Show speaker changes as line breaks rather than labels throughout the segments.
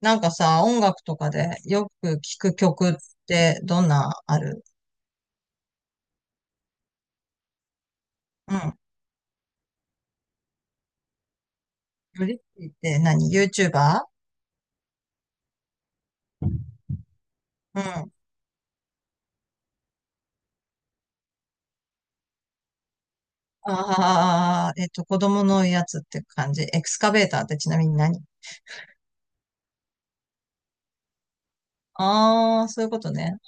なんかさ、音楽とかでよく聴く曲ってどんなある？うん。ヨリッピーって何？ YouTuber？ うん。ああ、子供のやつって感じ。エクスカベーターってちなみに何？ああー、そういうことね。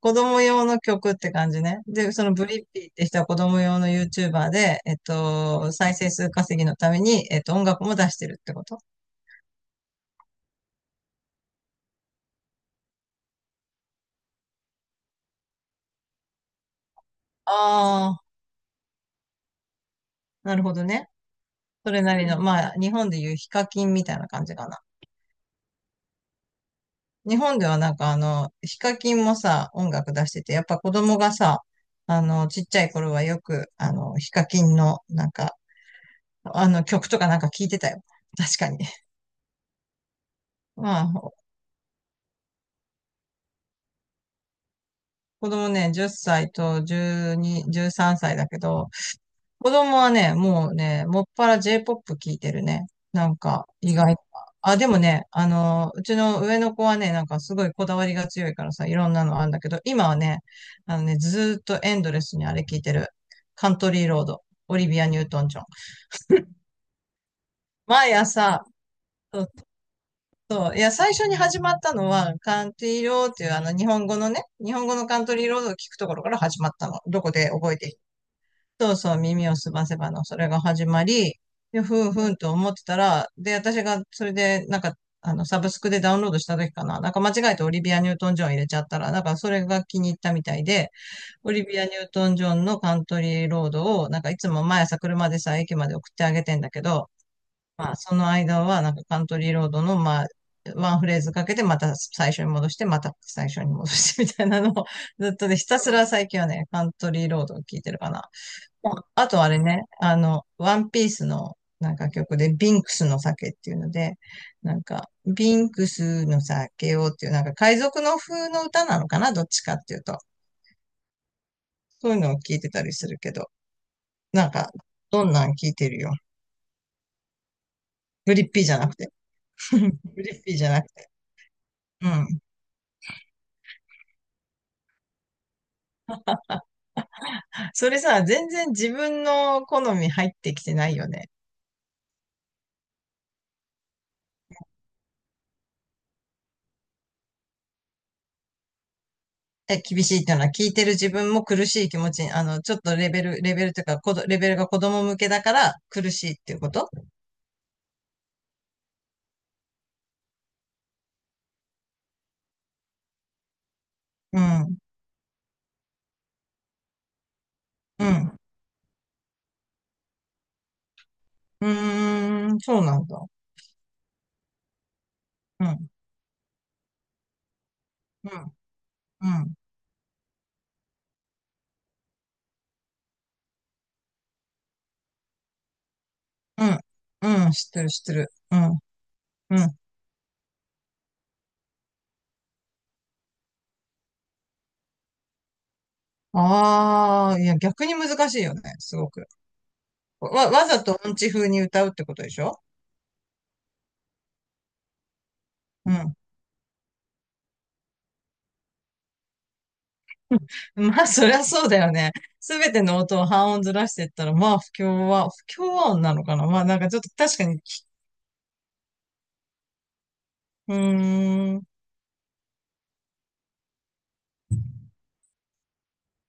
子供用の曲って感じね。で、そのブリッピーって人は子供用の YouTuber で、再生数稼ぎのために、音楽も出してるってこと？ああー、なるほどね。それなりの、まあ、日本でいうヒカキンみたいな感じかな。日本ではヒカキンもさ、音楽出してて、やっぱ子供がさ、ちっちゃい頃はよく、ヒカキンの、あの曲とかなんか聞いてたよ。確かに。まあ、子供ね、10歳と12、13歳だけど、子供はね、もうね、もっぱら J-POP 聞いてるね。なんか、意外と。あ、でもね、うちの上の子はね、なんかすごいこだわりが強いからさ、いろんなのあるんだけど、今はね、ずーっとエンドレスにあれ聞いてる。カントリーロード、オリビア・ニュートン・ジョン。毎朝、そうそう、いや、最初に始まったのは、カントリーロードっていうあの日本語のね、日本語のカントリーロードを聞くところから始まったの。どこで覚えて？そうそう、耳をすませばの、それが始まり、で、ふんふんと思ってたら、で、私がそれで、サブスクでダウンロードした時かな、なんか間違えてオリビア・ニュートン・ジョン入れちゃったら、なんかそれが気に入ったみたいで、オリビア・ニュートン・ジョンのカントリーロードを、なんかいつも毎朝車でさ、駅まで送ってあげてんだけど、まあ、その間は、なんかカントリーロードの、まあ、ワンフレーズかけて、また最初に戻して、また最初に戻してみたいなのを、ずっとね、ひたすら最近はね、カントリーロードを聞いてるかな。ああとあれね、ワンピースのなんか曲で、ビンクスの酒っていうので、なんか、ビンクスの酒をっていう、なんか海賊の風の歌なのかな、どっちかっていうと。そういうのを聞いてたりするけど、なんか、どんなん聞いてるよ。グリッピーじゃなくて。グリッピーじゃなくて。うん。それさ、全然自分の好み入ってきてないよね。え、厳しいっていうのは聞いてる自分も苦しい気持ちに、ちょっとレベルというか、レベルが子供向けだから苦しいっていうこと？うん、うん、うーん、そうなんだ。うん、うん、うん、うん、うん、知ってる、知ってる。うん、うん。ああ、いや、逆に難しいよね、すごく。わざと音痴風に歌うってことでしょ？うん。まあ、そりゃそうだよね。すべての音を半音ずらしていったら、まあ、不協和音なのかな。まあ、なんかちょっと確かに、うーん。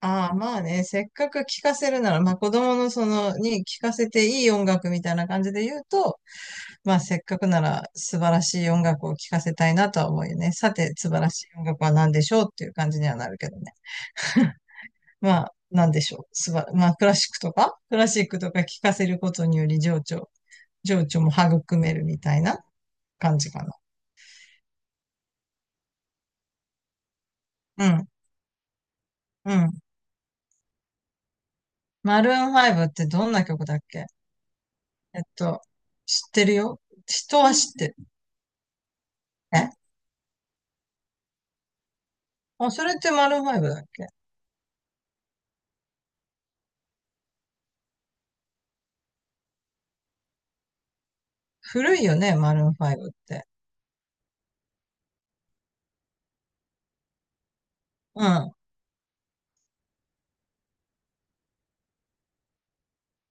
ああ、まあね、せっかく聴かせるなら、まあ子供のその、に聴かせていい音楽みたいな感じで言うと、まあ、せっかくなら素晴らしい音楽を聴かせたいなとは思うよね。さて、素晴らしい音楽は何でしょうっていう感じにはなるけどね。まあ、何でしょう。まあ、クラシックとか聴かせることにより情緒、情緒も育めるみたいな感じかな。うん、うん。マルーン5ってどんな曲だっけ？えっと、知ってるよ。人は知ってる。え？あ、それってマルーン5だっけ？古いよね、マルーン5って。うん、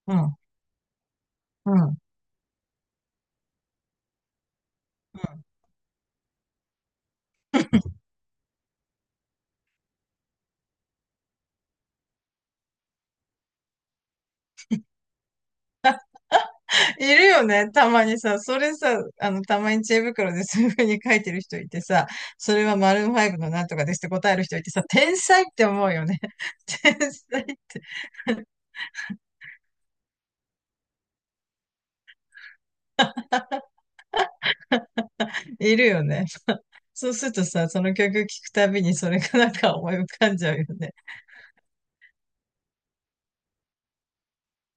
うん、うん。うん、いるよね。たまにさ、それさ、あの、たまに知恵袋で そういう風に書いてる人いてさ、それはマルーンファイブのなんとかですって答える人いてさ、天才って思うよね。天才って。いるよね。そうするとさ、その曲聴くたびにそれがなんか思い浮かんじゃうよね。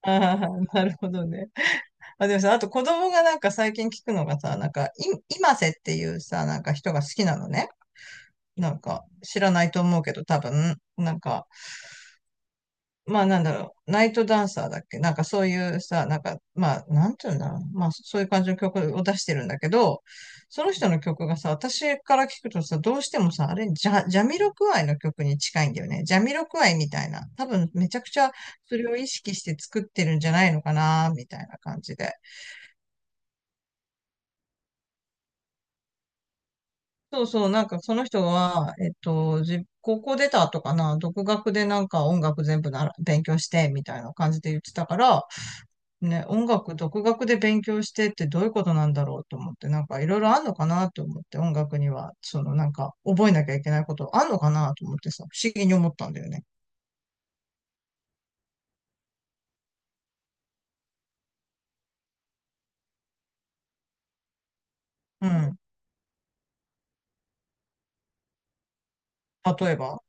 ああ、なるほどね。あ、でもさ、あと子供がなんか最近聞くのがさ、今瀬っていうさ、なんか人が好きなのね。なんか、知らないと思うけど、多分、なんか、まあなんだろう、ナイトダンサーだっけ、なんかそういうさ、なんか、まあ、なんていうんだろう。まあそういう感じの曲を出してるんだけど、その人の曲がさ、私から聞くとさ、どうしてもさ、あれ、ジャ、ジャミロクワイの曲に近いんだよね。ジャミロクワイみたいな。多分めちゃくちゃそれを意識して作ってるんじゃないのかな、みたいな感じで。そうそう、なんかその人は、高校出た後かな、独学でなんか音楽全部なら勉強して、みたいな感じで言ってたから、ね、音楽独学で勉強してってどういうことなんだろうと思って、なんかいろいろあんのかなと思って、音楽には、そのなんか覚えなきゃいけないことあんのかなと思ってさ、不思議に思ったんだよね。うん。例えば。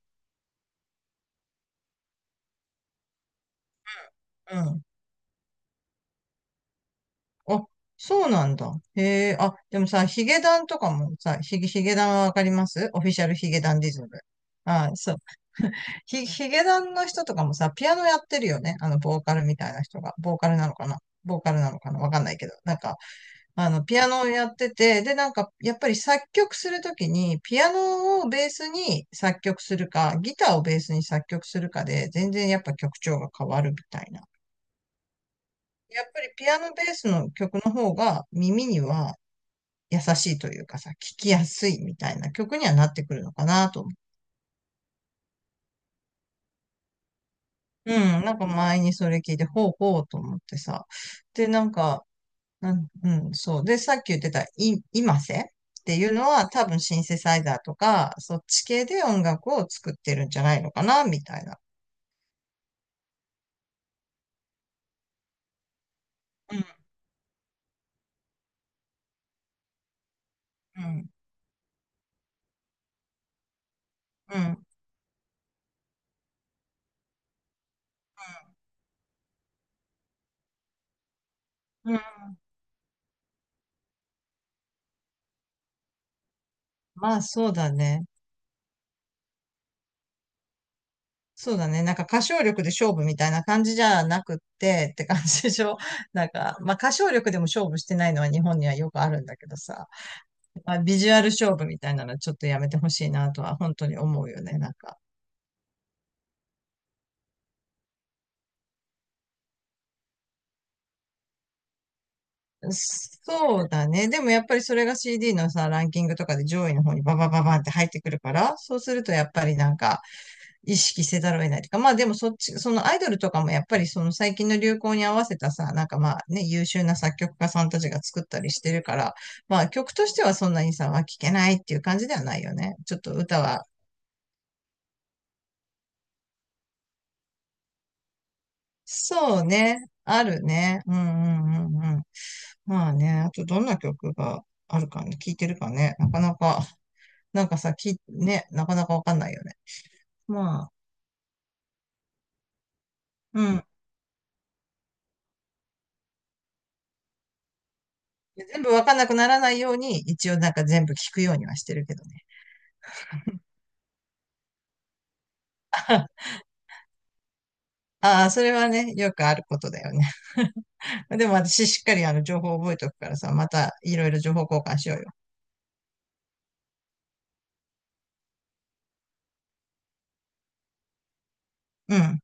うん。あ、そうなんだ。へえ、あ、でもさ、ヒゲダンはわかります、オフィシャルヒゲダンディズム。あ、そう。ヒゲダンの人とかもさ、ピアノやってるよね。あの、ボーカルみたいな人が。ボーカルなのかな？ボーカルなのかなわかんないけど。ピアノをやってて、で、なんか、やっぱり作曲するときに、ピアノをベースに作曲するか、ギターをベースに作曲するかで、全然やっぱ曲調が変わるみたいな。やっぱりピアノベースの曲の方が耳には優しいというかさ、聞きやすいみたいな曲にはなってくるのかなと思う。うん、なんか前にそれ聞いて、ほうほうと思ってさ。で、なんか、うん、うん、そう。で、さっき言ってた、今瀬っていうのは、多分シンセサイザーとか、そっち系で音楽を作ってるんじゃないのかな、みたいな。うん、うん、うん、うん。うん、まあ、そうだね。そうだね。なんか歌唱力で勝負みたいな感じじゃなくってって感じでしょ。なんか、まあ歌唱力でも勝負してないのは日本にはよくあるんだけどさ。まあビジュアル勝負みたいなのはちょっとやめてほしいなとは本当に思うよね。なんか。そうだね。でもやっぱりそれが CD のさ、ランキングとかで上位の方にバババババンって入ってくるから、そうするとやっぱりなんか意識せざるを得ないというか、まあでもそっち、そのアイドルとかもやっぱりその最近の流行に合わせたさ、なんかまあね、優秀な作曲家さんたちが作ったりしてるから、まあ曲としてはそんなにさ、は聴けないっていう感じではないよね。ちょっと歌は。そうね。あるね。うん、うん、うん、うん。まあね、あとどんな曲があるかね、聴いてるかね、なかなか。なんかさ、き、ね、なかなかわかんないよね。まあ、うん。全部わかんなくならないように、一応なんか全部聞くようにはしてるけどね。ああ、それはね、よくあることだよね。でも私しっかりあの情報を覚えておくからさ、またいろいろ情報交換しようよ。うん。